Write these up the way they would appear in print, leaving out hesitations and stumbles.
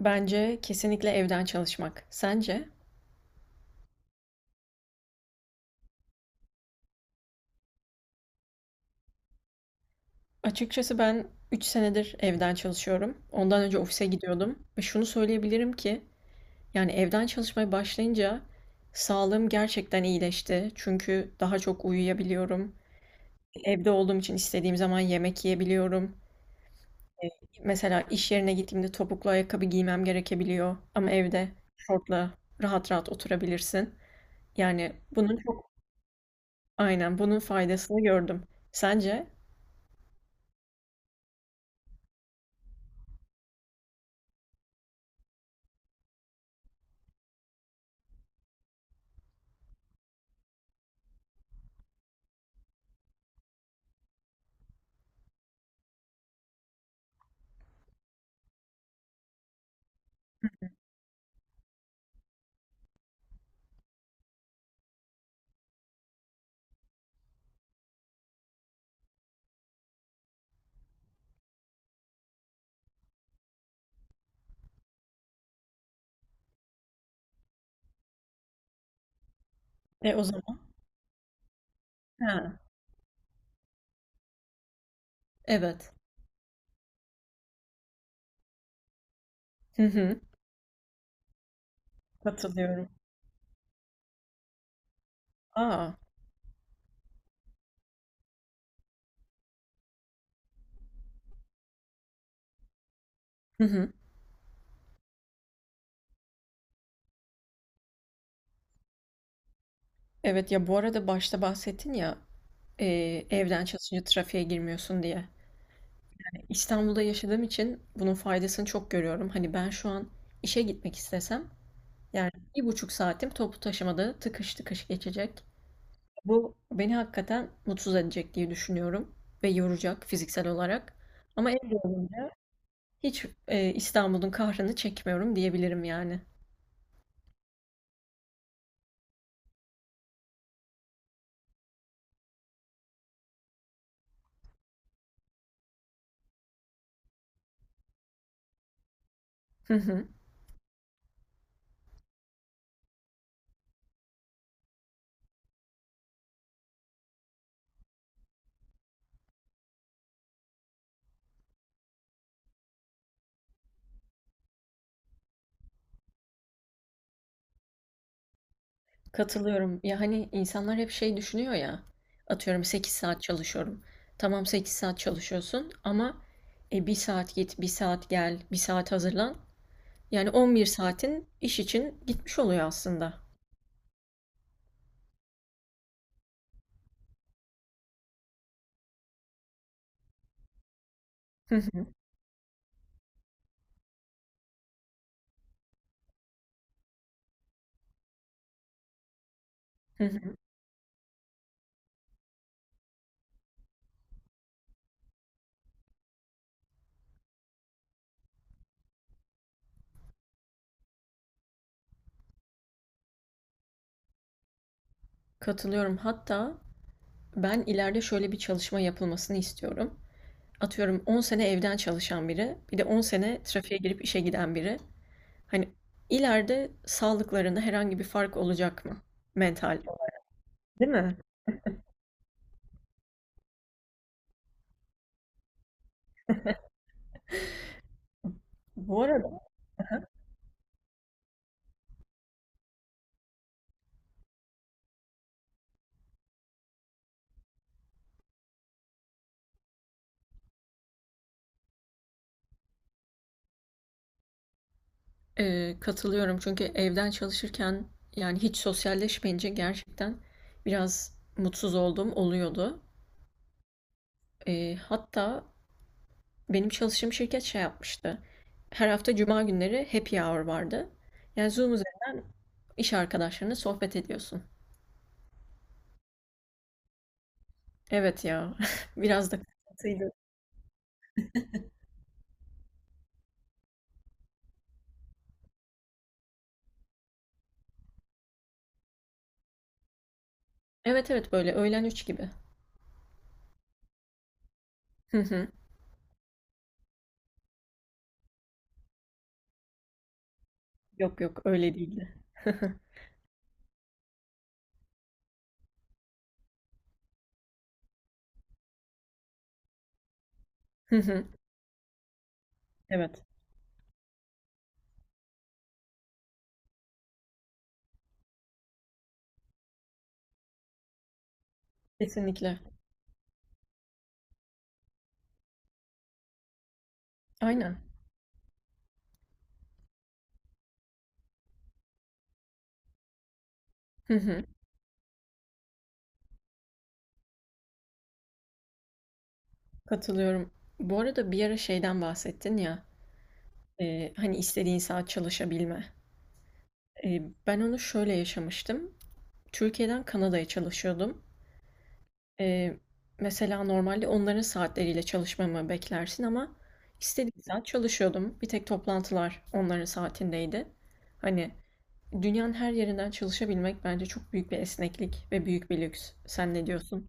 Bence kesinlikle evden çalışmak. Sence? Açıkçası ben 3 senedir evden çalışıyorum. Ondan önce ofise gidiyordum. Ve şunu söyleyebilirim ki yani evden çalışmaya başlayınca sağlığım gerçekten iyileşti. Çünkü daha çok uyuyabiliyorum. Evde olduğum için istediğim zaman yemek yiyebiliyorum. Mesela iş yerine gittiğimde topuklu ayakkabı giymem gerekebiliyor. Ama evde şortla rahat rahat oturabilirsin. Yani bunun çok aynen bunun faydasını gördüm. Sence? E o zaman. Ha. Evet. Hı hı. Katılıyorum. A! Hı hı. Evet, ya, bu arada başta bahsettin ya, evden çalışınca trafiğe girmiyorsun diye. İstanbul'da yaşadığım için bunun faydasını çok görüyorum. Hani, ben şu an işe gitmek istesem, yani, 1,5 saatim toplu taşımada tıkış tıkış geçecek. Bu beni hakikaten mutsuz edecek diye düşünüyorum ve yoracak fiziksel olarak. Ama evde olunca hiç, İstanbul'un kahrını çekmiyorum diyebilirim yani. Katılıyorum. Ya hani insanlar hep şey düşünüyor ya. Atıyorum 8 saat çalışıyorum. Tamam 8 saat çalışıyorsun ama 1 saat git, bir saat gel, bir saat hazırlan. Yani 11 saatin iş için gitmiş oluyor aslında. Hı hı, hı hı. Katılıyorum. Hatta ben ileride şöyle bir çalışma yapılmasını istiyorum. Atıyorum 10 sene evden çalışan biri, bir de 10 sene trafiğe girip işe giden biri. Hani ileride sağlıklarında herhangi bir fark olacak mı? Mental. Değil mi? Bu arada katılıyorum çünkü evden çalışırken, yani, hiç sosyalleşmeyince gerçekten biraz mutsuz olduğum oluyordu. Hatta benim çalıştığım şirket şey yapmıştı, her hafta cuma günleri happy hour vardı. Yani, Zoom üzerinden iş arkadaşlarınla sohbet ediyorsun. Evet ya, biraz da. Evet, evet, böyle öğlen 3 gibi. Hı hı. Yok, yok, öyle değildi. Hı hı. Evet, kesinlikle. Aynen. Hı hı. Katılıyorum. Bu arada bir ara şeyden bahsettin ya, hani, istediğin saat çalışabilme. Ben onu şöyle yaşamıştım. Türkiye'den Kanada'ya çalışıyordum. Eee, mesela normalde onların saatleriyle çalışmamı beklersin ama istediğim saat çalışıyordum. Bir tek toplantılar onların saatindeydi. Hani, dünyanın her yerinden çalışabilmek bence çok büyük bir esneklik ve büyük bir lüks. Sen ne diyorsun?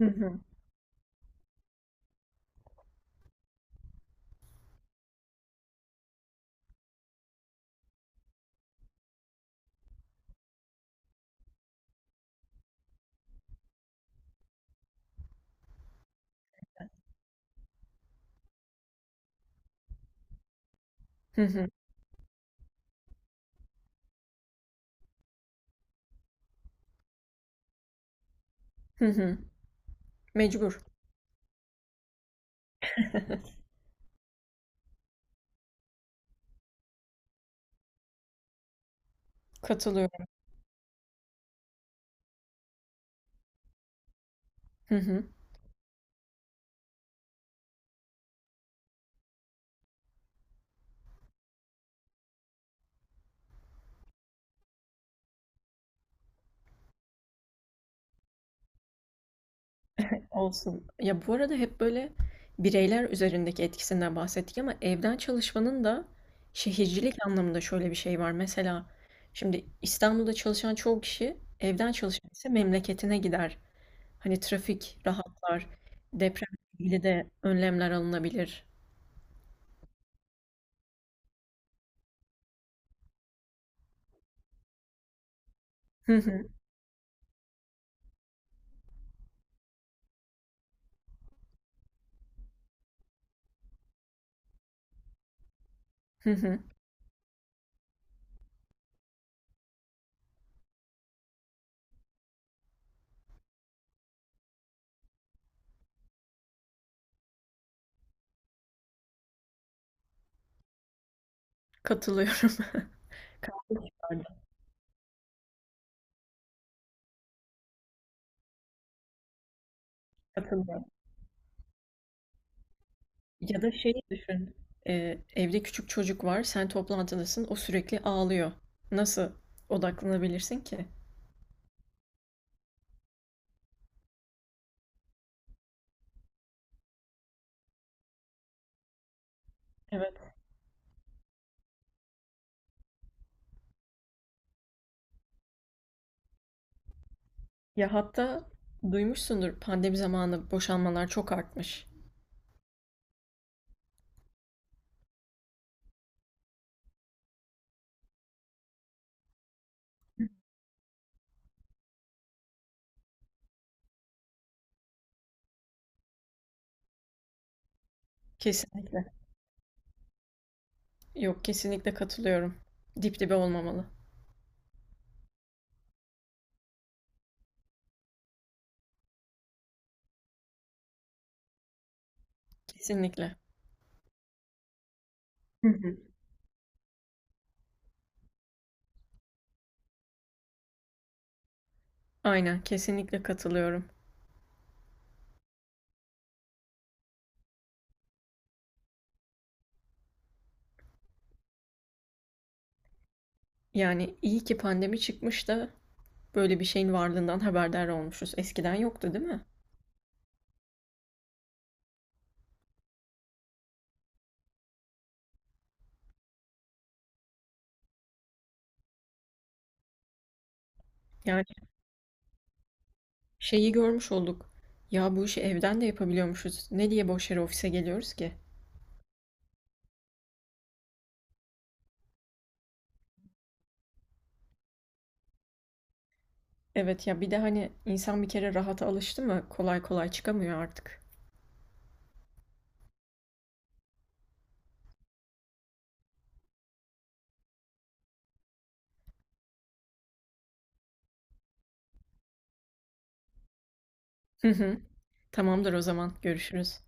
Hı hı. Hı hı. Hı hı. Mecbur. Katılıyorum. Hı hı. Olsun. Ya bu arada hep böyle bireyler üzerindeki etkisinden bahsettik ama evden çalışmanın da şehircilik anlamında şöyle bir şey var. Mesela şimdi İstanbul'da çalışan çoğu kişi evden çalışan ise memleketine gider. Hani trafik rahatlar, depremle ilgili de önlemler alınabilir. Hı hı, hı hı. Katılıyorum. Katılıyorum. Katılıyorum. Ya da şeyi düşün. Evde küçük çocuk var, sen toplantıdasın, o sürekli ağlıyor. Nasıl odaklanabilirsin ki? Evet. Ya hatta duymuşsundur pandemi zamanı boşanmalar çok artmış. Kesinlikle. Yok kesinlikle katılıyorum. Dip dibe olmamalı. Kesinlikle. Hı hı. Aynen kesinlikle katılıyorum. Yani iyi ki pandemi çıkmış da böyle bir şeyin varlığından haberdar olmuşuz. Eskiden yoktu değil mi? Yani şeyi görmüş olduk. Ya bu işi evden de yapabiliyormuşuz. Ne diye boş yere ofise geliyoruz ki? Evet ya bir de hani insan bir kere rahata alıştı mı kolay kolay çıkamıyor artık. Hı hı. Tamamdır o zaman. Görüşürüz.